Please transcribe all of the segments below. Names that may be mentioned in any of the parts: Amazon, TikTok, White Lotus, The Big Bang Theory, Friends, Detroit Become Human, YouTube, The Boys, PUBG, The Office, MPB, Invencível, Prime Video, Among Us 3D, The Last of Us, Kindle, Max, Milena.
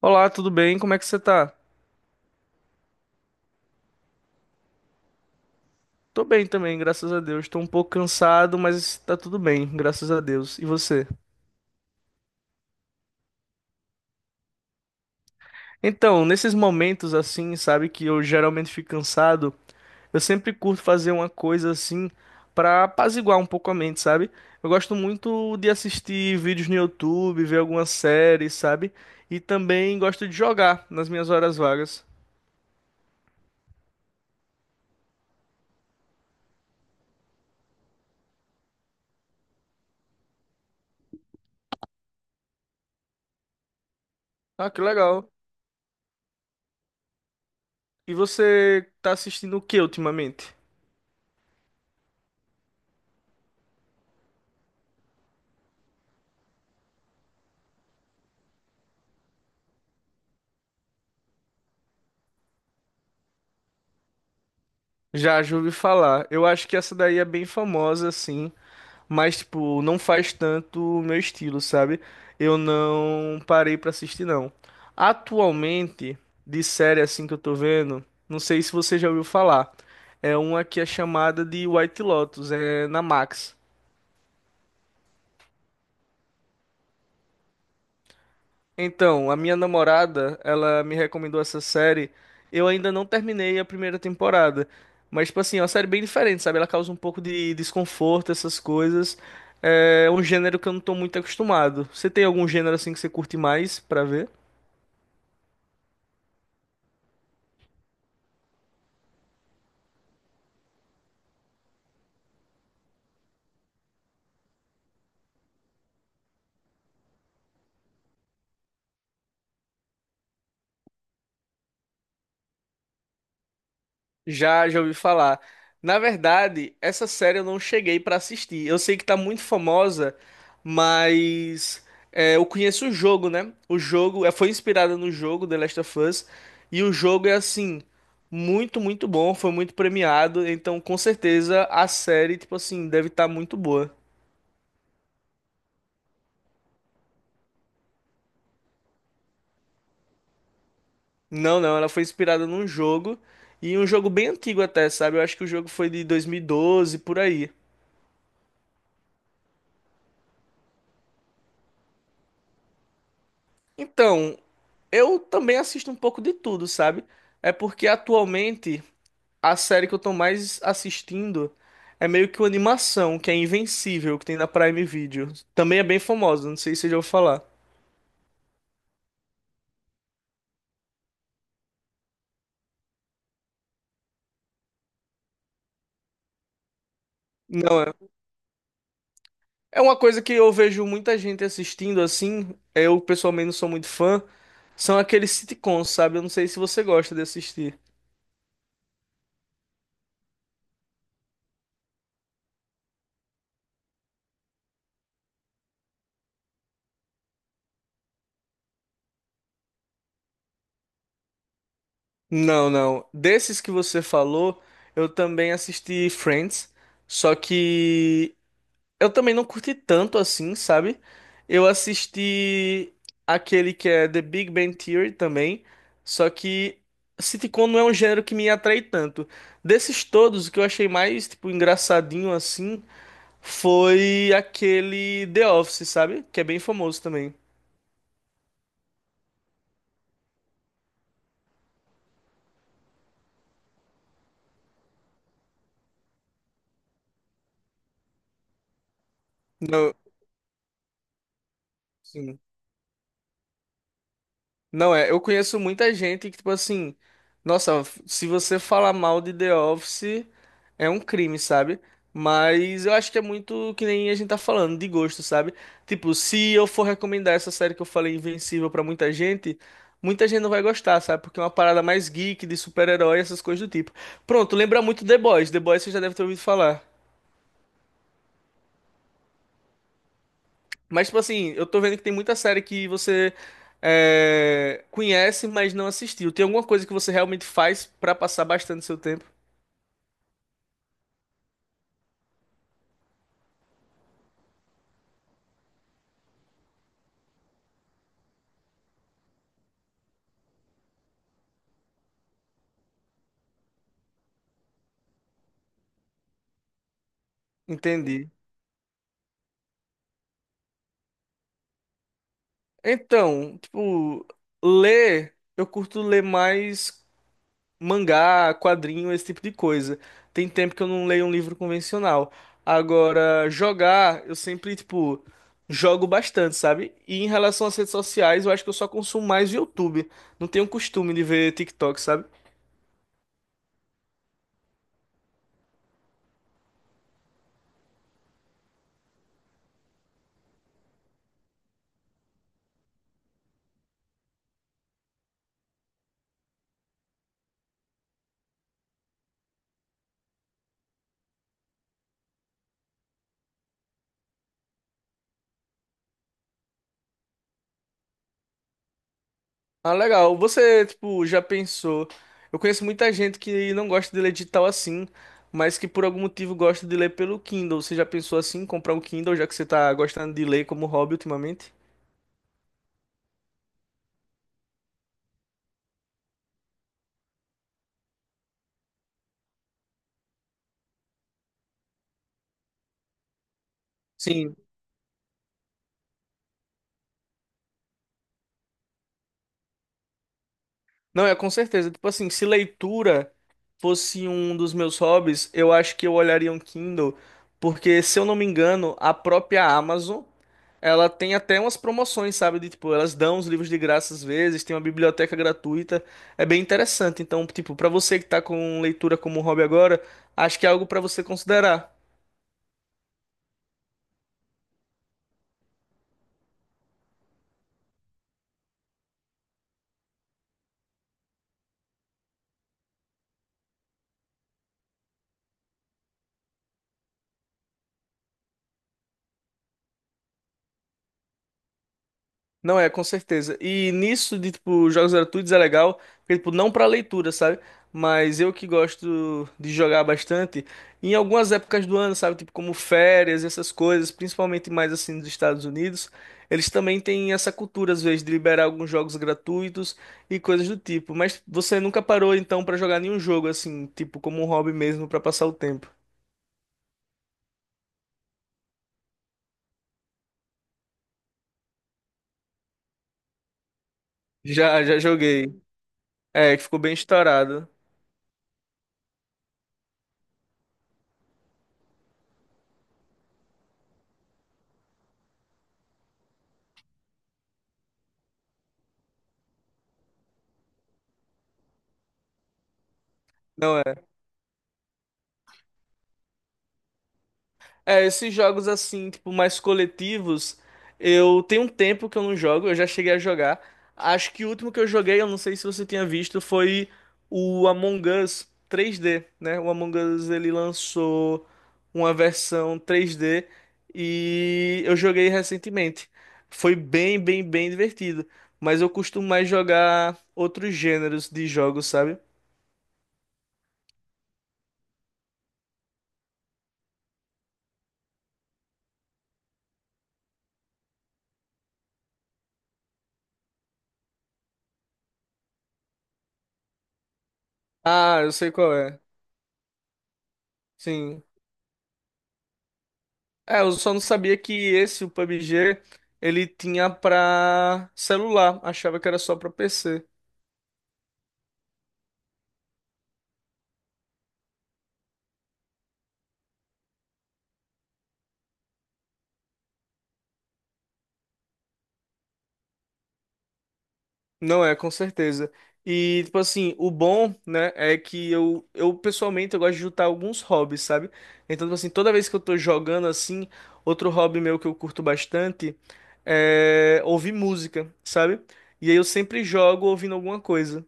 Olá, tudo bem? Como é que você tá? Tô bem também, graças a Deus. Tô um pouco cansado, mas tá tudo bem, graças a Deus. E você? Então, nesses momentos assim, sabe, que eu geralmente fico cansado, eu sempre curto fazer uma coisa assim pra apaziguar um pouco a mente, sabe? Eu gosto muito de assistir vídeos no YouTube, ver algumas séries, sabe? E também gosto de jogar nas minhas horas vagas. Ah, que legal. E você tá assistindo o que ultimamente? Já, já ouvi falar. Eu acho que essa daí é bem famosa, assim, mas, tipo, não faz tanto o meu estilo, sabe? Eu não parei pra assistir, não. Atualmente, de série assim que eu tô vendo, não sei se você já ouviu falar. É uma que é chamada de White Lotus, é na Max. Então, a minha namorada, ela me recomendou essa série. Eu ainda não terminei a primeira temporada. Mas, tipo assim, é uma série bem diferente, sabe? Ela causa um pouco de desconforto, essas coisas. É um gênero que eu não tô muito acostumado. Você tem algum gênero assim que você curte mais pra ver? Já, já ouvi falar. Na verdade, essa série eu não cheguei pra assistir. Eu sei que tá muito famosa, mas é, eu conheço o jogo, né? O jogo é, foi inspirada no jogo The Last of Us e o jogo é assim muito, muito bom. Foi muito premiado, então com certeza a série, tipo assim, deve estar muito boa. Não, não, ela foi inspirada num jogo e um jogo bem antigo até, sabe? Eu acho que o jogo foi de 2012 por aí. Então, eu também assisto um pouco de tudo, sabe? É porque atualmente a série que eu tô mais assistindo é meio que uma animação, que é Invencível, que tem na Prime Video. Também é bem famosa, não sei se você já ouviu falar. Não, é. É uma coisa que eu vejo muita gente assistindo assim, eu pessoalmente não sou muito fã, são aqueles sitcoms, sabe? Eu não sei se você gosta de assistir. Não, não. Desses que você falou, eu também assisti Friends, só que eu também não curti tanto assim, sabe? Eu assisti aquele que é The Big Bang Theory também, só que sitcom não é um gênero que me atrai tanto. Desses todos, o que eu achei mais, tipo, engraçadinho assim foi aquele The Office, sabe? Que é bem famoso também. Não, sim. Não é, eu conheço muita gente que, tipo assim, nossa, se você falar mal de The Office, é um crime, sabe? Mas eu acho que é muito que nem a gente tá falando, de gosto, sabe? Tipo, se eu for recomendar essa série que eu falei, Invencível, pra muita gente não vai gostar, sabe? Porque é uma parada mais geek, de super-herói, essas coisas do tipo. Pronto, lembra muito The Boys. The Boys você já deve ter ouvido falar. Mas, tipo assim, eu tô vendo que tem muita série que você é, conhece, mas não assistiu. Tem alguma coisa que você realmente faz pra passar bastante seu tempo? Entendi. Então, tipo, ler, eu curto ler mais mangá, quadrinho, esse tipo de coisa. Tem tempo que eu não leio um livro convencional. Agora, jogar, eu sempre, tipo, jogo bastante, sabe? E em relação às redes sociais, eu acho que eu só consumo mais YouTube. Não tenho costume de ver TikTok, sabe? Ah, legal. Você, tipo, já pensou? Eu conheço muita gente que não gosta de ler digital assim, mas que por algum motivo gosta de ler pelo Kindle. Você já pensou assim, em comprar um Kindle, já que você tá gostando de ler como hobby ultimamente? Sim. Não, é com certeza. Tipo assim, se leitura fosse um dos meus hobbies, eu acho que eu olharia um Kindle, porque se eu não me engano, a própria Amazon, ela tem até umas promoções, sabe? De, tipo, elas dão os livros de graça às vezes, tem uma biblioteca gratuita, é bem interessante. Então, tipo, pra você que tá com leitura como hobby agora, acho que é algo pra você considerar. Não é, com certeza. E nisso de tipo jogos gratuitos é legal, porque tipo não pra leitura, sabe? Mas eu que gosto de jogar bastante em algumas épocas do ano, sabe? Tipo como férias, essas coisas, principalmente mais assim nos Estados Unidos, eles também têm essa cultura às vezes de liberar alguns jogos gratuitos e coisas do tipo. Mas você nunca parou então pra jogar nenhum jogo assim, tipo como um hobby mesmo pra passar o tempo? Já, já joguei. É, que ficou bem estourado. Não é. É, esses jogos assim, tipo, mais coletivos, eu tenho um tempo que eu não jogo, eu já cheguei a jogar. Acho que o último que eu joguei, eu não sei se você tinha visto, foi o Among Us 3D, né? O Among Us ele lançou uma versão 3D e eu joguei recentemente. Foi bem, bem, bem divertido, mas eu costumo mais jogar outros gêneros de jogos, sabe? Ah, eu sei qual é. Sim. É, eu só não sabia que esse, o PUBG, ele tinha pra celular. Achava que era só pra PC. Não é, com certeza. E, tipo assim, o bom, né, é que eu pessoalmente, eu gosto de juntar alguns hobbies, sabe? Então, tipo assim, toda vez que eu tô jogando assim, outro hobby meu que eu curto bastante é ouvir música, sabe? E aí eu sempre jogo ouvindo alguma coisa.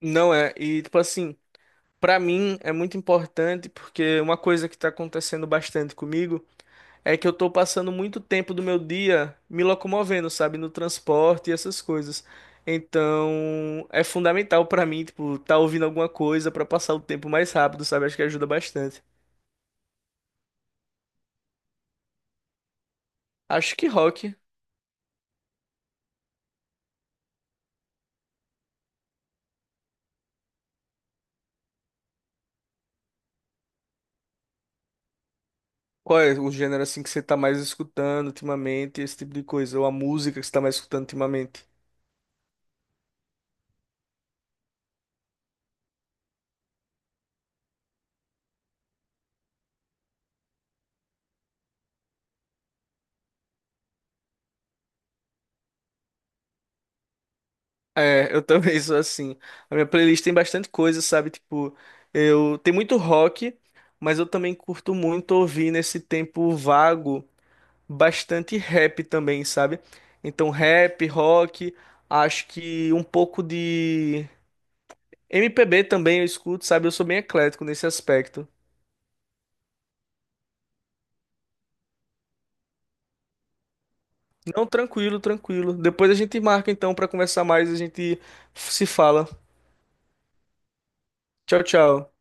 Não é, e, tipo assim, pra mim é muito importante porque é uma coisa que tá acontecendo bastante comigo. É que eu tô passando muito tempo do meu dia me locomovendo, sabe, no transporte e essas coisas. Então, é fundamental pra mim, tipo, tá ouvindo alguma coisa pra passar o tempo mais rápido, sabe? Acho que ajuda bastante. Acho que rock. Qual é o gênero assim que você tá mais escutando ultimamente, esse tipo de coisa, ou a música que você tá mais escutando ultimamente? É, eu também sou assim. A minha playlist tem bastante coisa, sabe? Tipo, eu tem muito rock, mas eu também curto muito ouvir nesse tempo vago. Bastante rap também, sabe? Então, rap, rock, acho que um pouco de MPB também eu escuto, sabe? Eu sou bem eclético nesse aspecto. Não, tranquilo, tranquilo. Depois a gente marca então pra conversar mais, a gente se fala. Tchau, tchau.